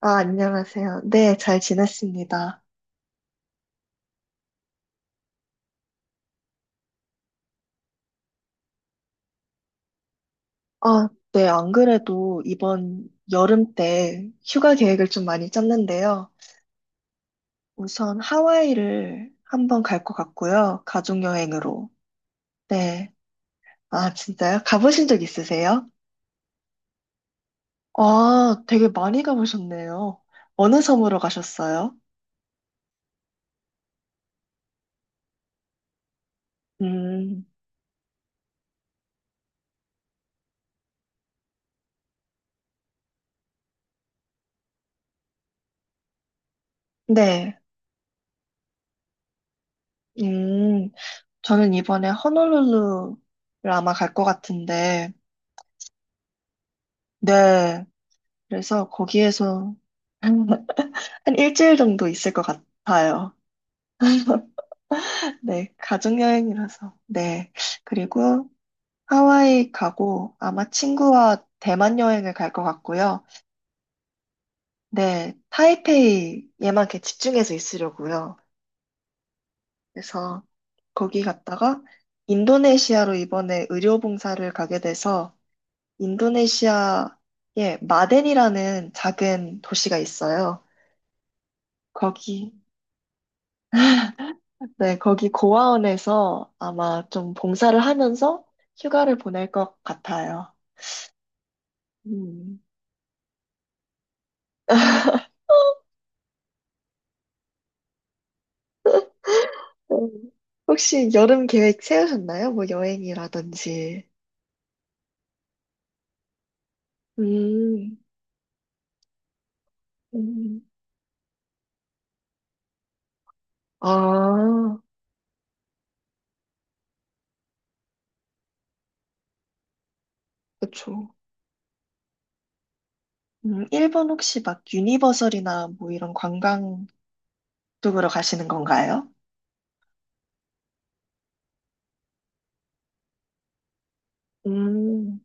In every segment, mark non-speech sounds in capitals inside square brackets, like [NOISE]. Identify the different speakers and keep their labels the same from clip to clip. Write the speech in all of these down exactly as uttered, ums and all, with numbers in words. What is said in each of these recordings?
Speaker 1: 아, 안녕하세요. 네, 잘 지냈습니다. 아, 네, 안 그래도 이번 여름 때 휴가 계획을 좀 많이 짰는데요. 우선 하와이를 한번 갈 것 같고요. 가족 여행으로. 네. 아, 진짜요? 가보신 적 있으세요? 아, 되게 많이 가보셨네요. 어느 섬으로 가셨어요? 음, 네. 음, 저는 이번에 호놀룰루를 아마 갈 것 같은데, 네. 그래서 거기에서 [LAUGHS] 한 일주일 정도 있을 것 같아요. 네, 가족여행이라서. 네. 그리고 하와이 가고 아마 친구와 대만 여행을 갈 것 같고요. 네, 타이페이에만 이렇게 집중해서 있으려고요. 그래서 거기 갔다가 인도네시아로 이번에 의료봉사를 가게 돼서 인도네시아에 마덴이라는 작은 도시가 있어요. 거기, 네, 거기 고아원에서 아마 좀 봉사를 하면서 휴가를 보낼 것 같아요. 음. [LAUGHS] 음. 혹시 여름 계획 세우셨나요? 뭐 여행이라든지. 음, 음. 아, 그쵸. 음, 일본 혹시 막 유니버설이나 뭐 이런 관광 쪽으로 가시는 건가요? 음,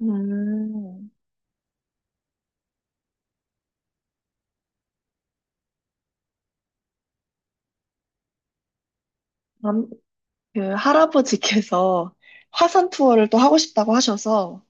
Speaker 1: 음. 남- 그 할아버지께서 화산 투어를 또 하고 싶다고 하셔서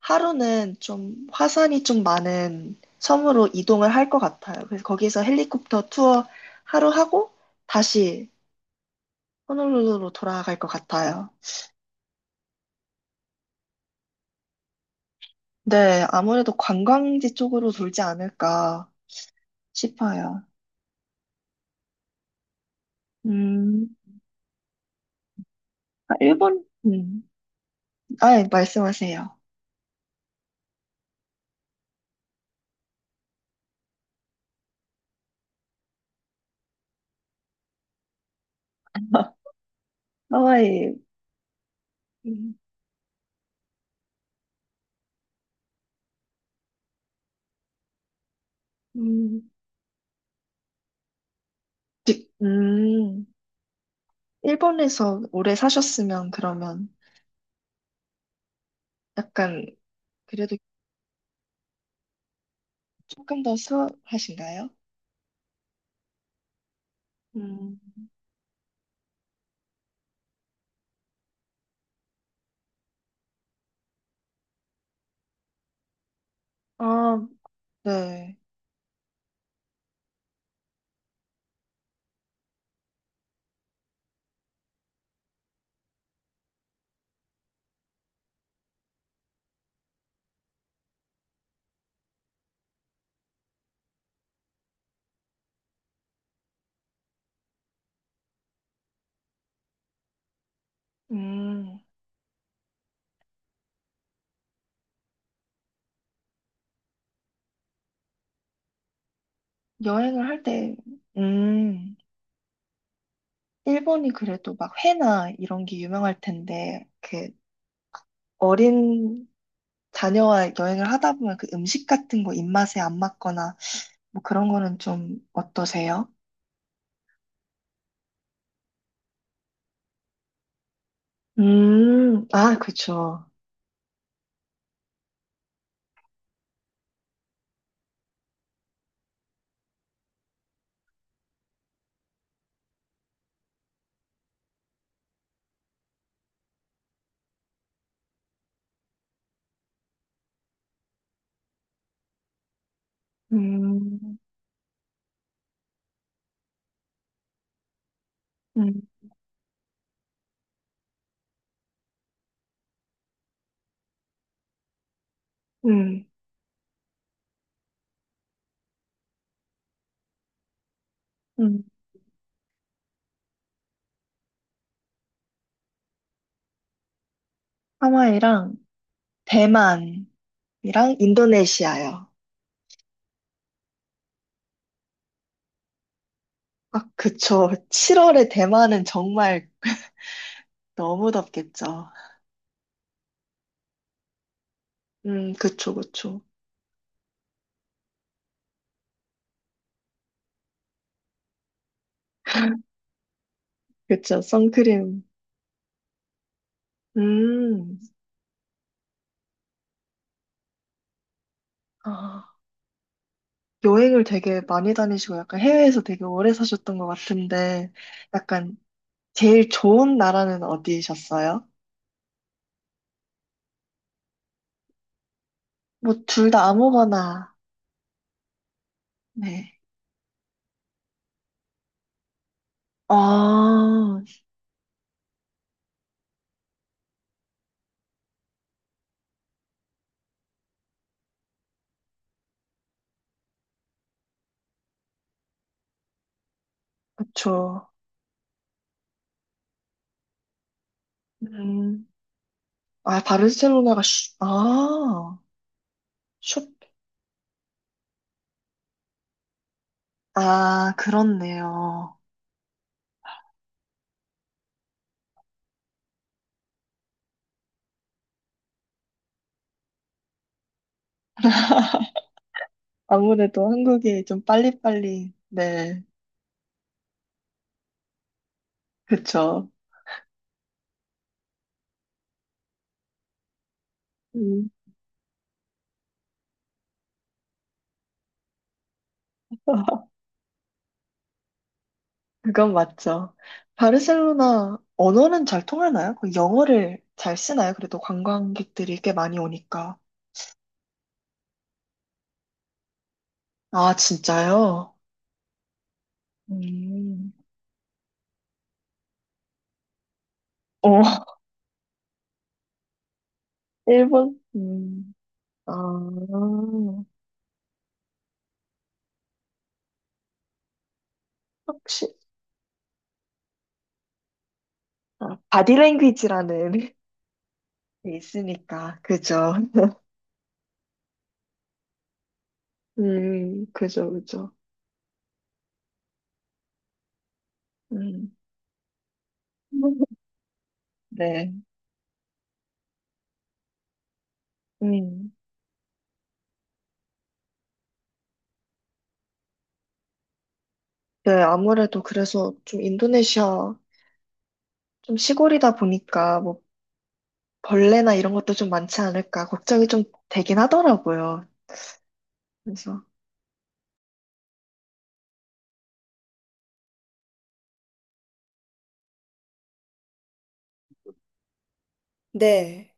Speaker 1: 하루는 좀 화산이 좀 많은 섬으로 이동을 할 것 같아요. 그래서 거기서 헬리콥터 투어 하루 하고 다시 호놀룰루로 돌아갈 것 같아요. 네, 아무래도 관광지 쪽으로 돌지 않을까 싶어요. 음, 아, 일본? 음, 아, 예, 말씀하세요. 하와이. 음, 음, 지- 음, 일본에서 오래 사셨으면 그러면 약간 그래도 조금 더 수월하신가요? 음. 아, 네. 음, 여행을 할 때, 음, 일본이 그래도 막 회나 이런 게 유명할 텐데, 이렇게 어린 자녀와 여행을 하다 보면 그 음식 같은 거 입맛에 안 맞거나, 뭐 그런 거는 좀 어떠세요? 음, 아, 그쵸. 음, 음, 음, 음. 하와이랑 대만이랑 인도네시아요. 아, 그쵸. 칠월에 대만은 정말 [LAUGHS] 너무 덥겠죠. 음, 그쵸, 그쵸. 그쵸, 선크림. 음. 아, 여행을 되게 많이 다니시고 약간 해외에서 되게 오래 사셨던 것 같은데 약간 제일 좋은 나라는 어디셨어요? 뭐 둘 다 아무거나. 네. 아, 그쵸. 음. 아, 바르셀로나가 슈, 아, 슈, 아, 그렇네요. 아무래도 한국이 좀 빨리빨리, 네. 그쵸. 음. 그건 맞죠. 바르셀로나 언어는 잘 통하나요? 그 영어를 잘 쓰나요? 그래도 관광객들이 꽤 많이 오니까. 아, 진짜요? 음, 어, [LAUGHS] 일본, 음, 아, 혹시, 아, 바디랭귀지라는 [LAUGHS] 게 있으니까, 그죠? 음, 그죠, 그죠. 음, [LAUGHS] 네, 음. 네, 아무래도 그래서 좀 인도네시아, 좀 시골이다 보니까, 뭐 벌레나 이런 것도 좀 많지 않을까 걱정이 좀 되긴 하더라고요. 그래서 네.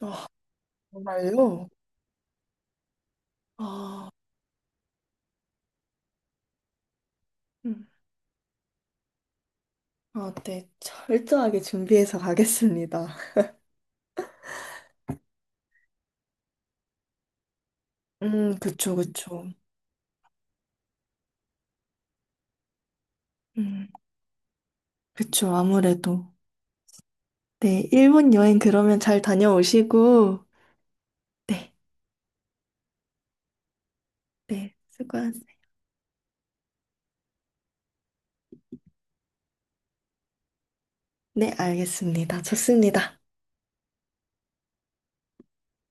Speaker 1: 아, 정말요? 아, 음. 아, 네. 참 철저하게 준비해서 가겠습니다. 음, 그쵸, 그쵸. 음, 그쵸, 아무래도. 네, 일본 여행 그러면 잘 다녀오시고, 네, 네, 수고하세요. 네, 알겠습니다. 좋습니다.